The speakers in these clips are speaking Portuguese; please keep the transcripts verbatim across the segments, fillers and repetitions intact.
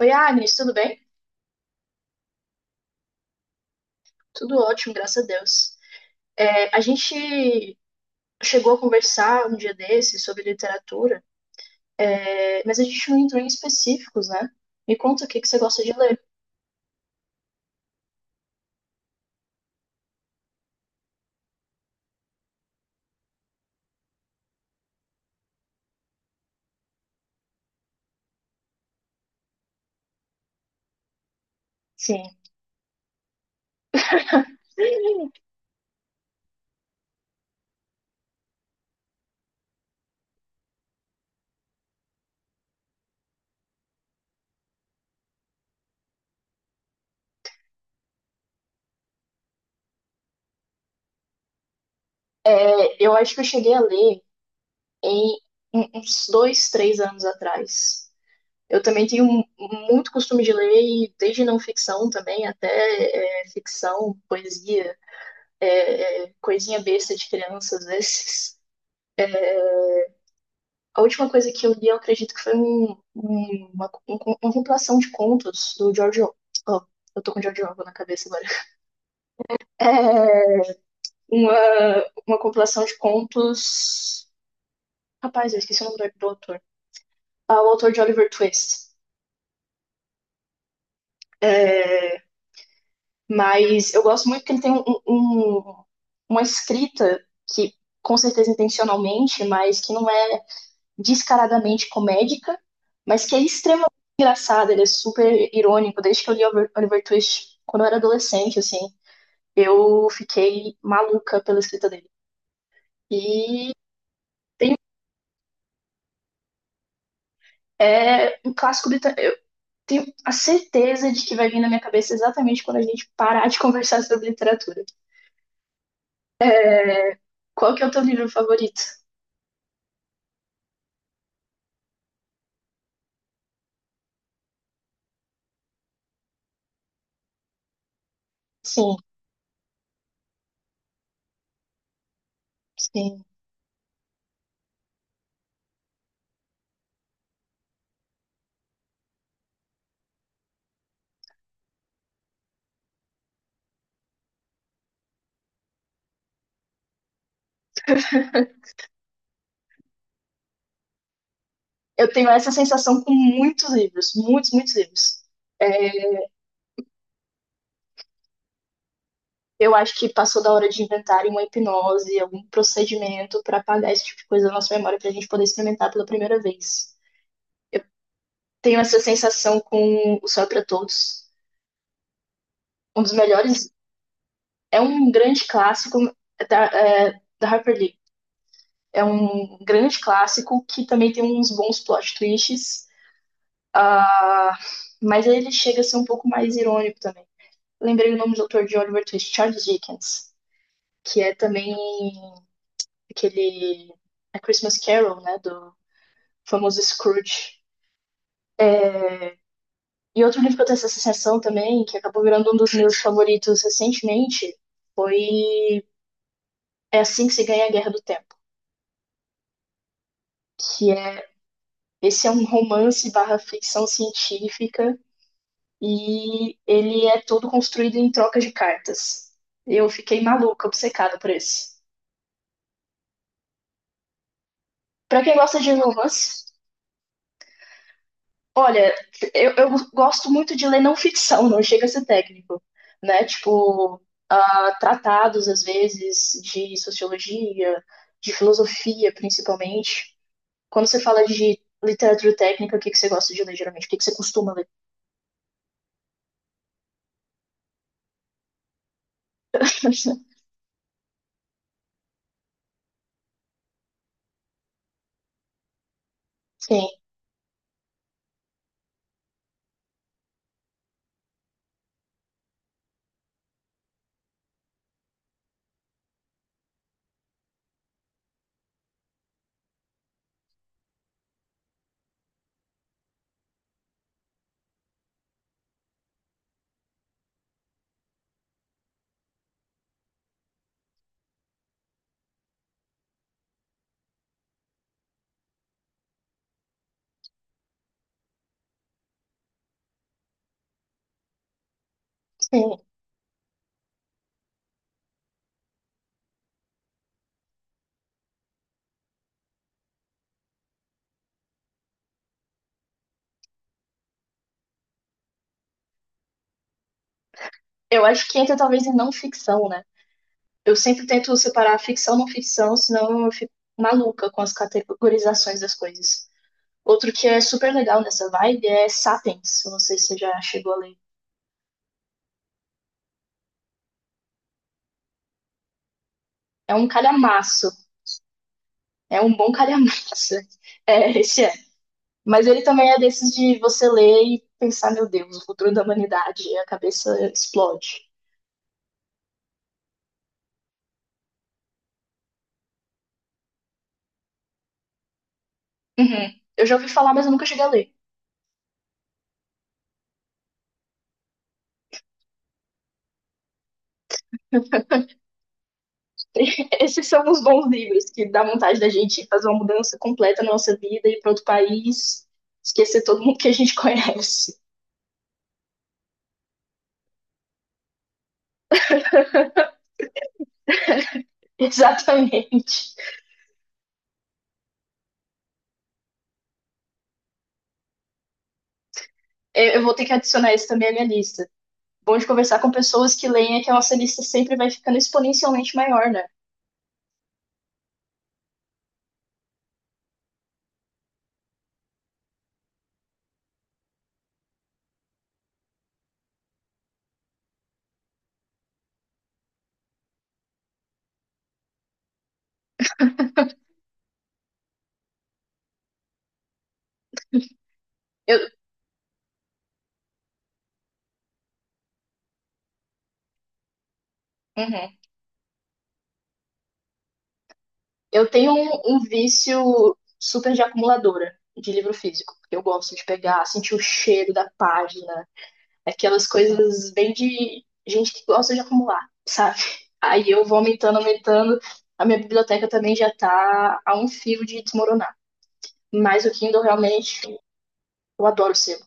Oi, Agnes, tudo bem? Tudo ótimo, graças a Deus. É, a gente chegou a conversar um dia desses sobre literatura, é, mas a gente não entrou em específicos, né? Me conta o que que você gosta de ler. Sim. É, eu acho que eu cheguei a ler em um- uns dois, três anos atrás. Eu também tenho um- muito costume de ler, e desde não ficção também, até é, ficção, poesia, é, é, coisinha besta de criança às vezes. A última coisa que eu li, eu acredito que foi um, um- uma, um- um, uma compilação de contos do George Orwell. Oh, eu tô com George Orwell na cabeça agora. É uma, uma compilação de contos. Rapaz, eu esqueci o nome do, do autor. Ah, o autor de Oliver Twist. Mas eu gosto muito que ele tem um, um- um, uma escrita que, com certeza intencionalmente, mas que não é descaradamente comédica, mas que é extremamente engraçado, ele é super irônico. Desde que eu li Oliver, Oliver Twist quando eu era adolescente, assim, eu fiquei maluca pela escrita dele. E tem, é um clássico britânico. Eu tenho a certeza de que vai vir na minha cabeça exatamente quando a gente parar de conversar sobre literatura. Qual que é o teu livro favorito? Sim, sim. Eu tenho essa sensação com muitos livros, muitos, muitos livros. Eu acho que passou da hora de inventarem uma hipnose, algum procedimento para apagar esse tipo de coisa da nossa memória para a gente poder experimentar pela primeira vez. Tenho essa sensação com O Céu é para Todos. Um dos melhores. É um grande clássico é da, é, da Harper Lee. É um grande clássico que também tem uns bons plot twists. Ah, mas ele chega a ser um pouco mais irônico também. Lembrei o nome do autor de Oliver Twist, Charles Dickens, que é também aquele A Christmas Carol, né, do famoso Scrooge. E outro livro que eu tenho essa associação também, que acabou virando um dos meus favoritos recentemente, foi É Assim que se ganha a Guerra do Tempo. Que é, esse é um romance barra ficção científica e ele é todo construído em troca de cartas. Eu fiquei maluca, obcecada por esse. Pra quem gosta de romance, olha, eu, eu gosto muito de ler não ficção, não chega a ser técnico, né? Tipo, ah, tratados, às vezes, de sociologia, de filosofia, principalmente. Quando você fala de literatura técnica, o que que você gosta de ler, geralmente? O que que você costuma ler? Sim, sim. Eu acho que entra talvez em não ficção, né? Eu sempre tento separar ficção e não ficção, senão eu fico maluca com as categorizações das coisas. Outro que é super legal nessa vibe é Sapiens. Eu não sei se você já chegou a ler. É um calhamaço. É um bom calhamaço. É, esse é. Mas ele também é desses de você ler e pensar, meu Deus, o futuro da humanidade, e a cabeça explode. Uhum. Eu já ouvi falar, mas eu nunca cheguei a ler. Esses são os bons livros que dá vontade da gente fazer uma mudança completa na nossa vida ir para outro país, esquecer todo mundo que a gente conhece. Exatamente. Eu vou ter que adicionar esse também à minha lista. Bom de conversar com pessoas que leem é que a nossa lista sempre vai ficando exponencialmente maior, né? Eu, Uhum. Eu tenho um, um vício super de acumuladora de livro físico. Eu gosto de pegar, sentir o cheiro da página, aquelas coisas bem de gente que gosta de acumular, sabe? Aí eu vou aumentando, aumentando. A minha biblioteca também já tá a um fio de desmoronar. Mas o Kindle realmente, eu adoro o selo.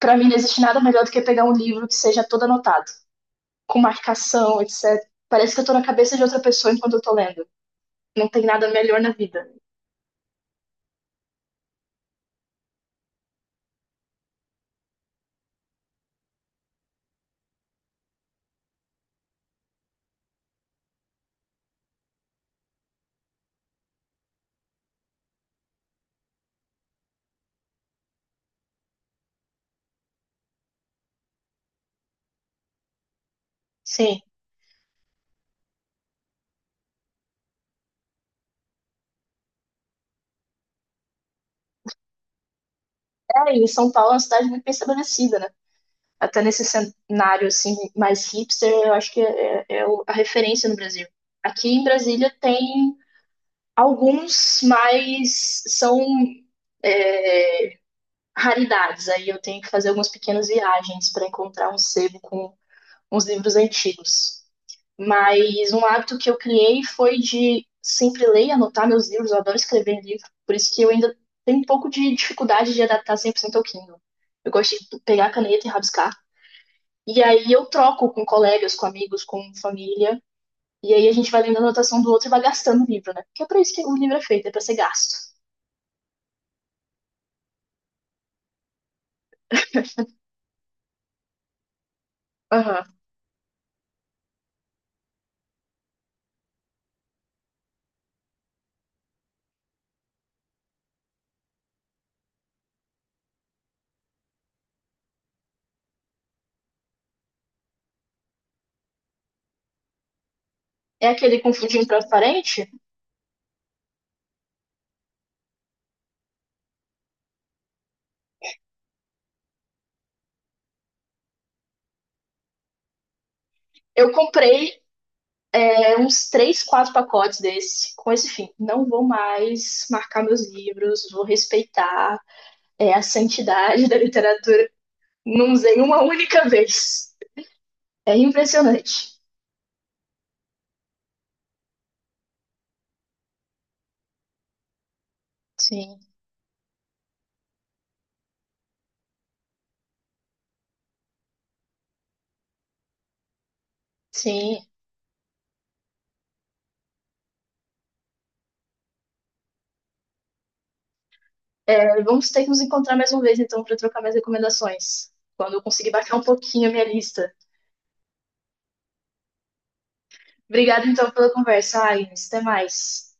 Pra mim não existe nada melhor do que pegar um livro que seja todo anotado, com marcação, etecetera. Parece que eu tô na cabeça de outra pessoa enquanto eu tô lendo. Não tem nada melhor na vida. Sim. É, e São Paulo é uma cidade muito bem estabelecida, né? Até nesse cenário assim mais hipster, eu acho que é, é o- a referência no Brasil. Aqui em Brasília tem alguns, mas são raridades. Aí eu tenho que fazer algumas pequenas viagens para encontrar um sebo com uns livros antigos. Mas um hábito que eu criei foi de sempre ler e anotar meus livros. Eu adoro escrever livro, por isso que eu ainda tenho um pouco de dificuldade de adaptar cem por cento ao Kindle. Eu gosto de pegar a caneta e rabiscar. E aí eu troco com colegas, com amigos, com família. E aí a gente vai lendo a anotação do outro e vai gastando o livro, né? Porque é pra isso que o livro é feito, é pra ser gasto. Aham. É aquele com fundinho transparente. Eu comprei é, uns três, quatro pacotes desse, com esse fim. Não vou mais marcar meus livros, vou respeitar é, a santidade da literatura. Não usei uma única vez. É impressionante. Sim. Sim, vamos ter que nos encontrar mais uma vez, então, para trocar mais recomendações. Quando eu conseguir baixar um pouquinho a minha lista. Obrigada, então, pela conversa, Agnes. Até mais.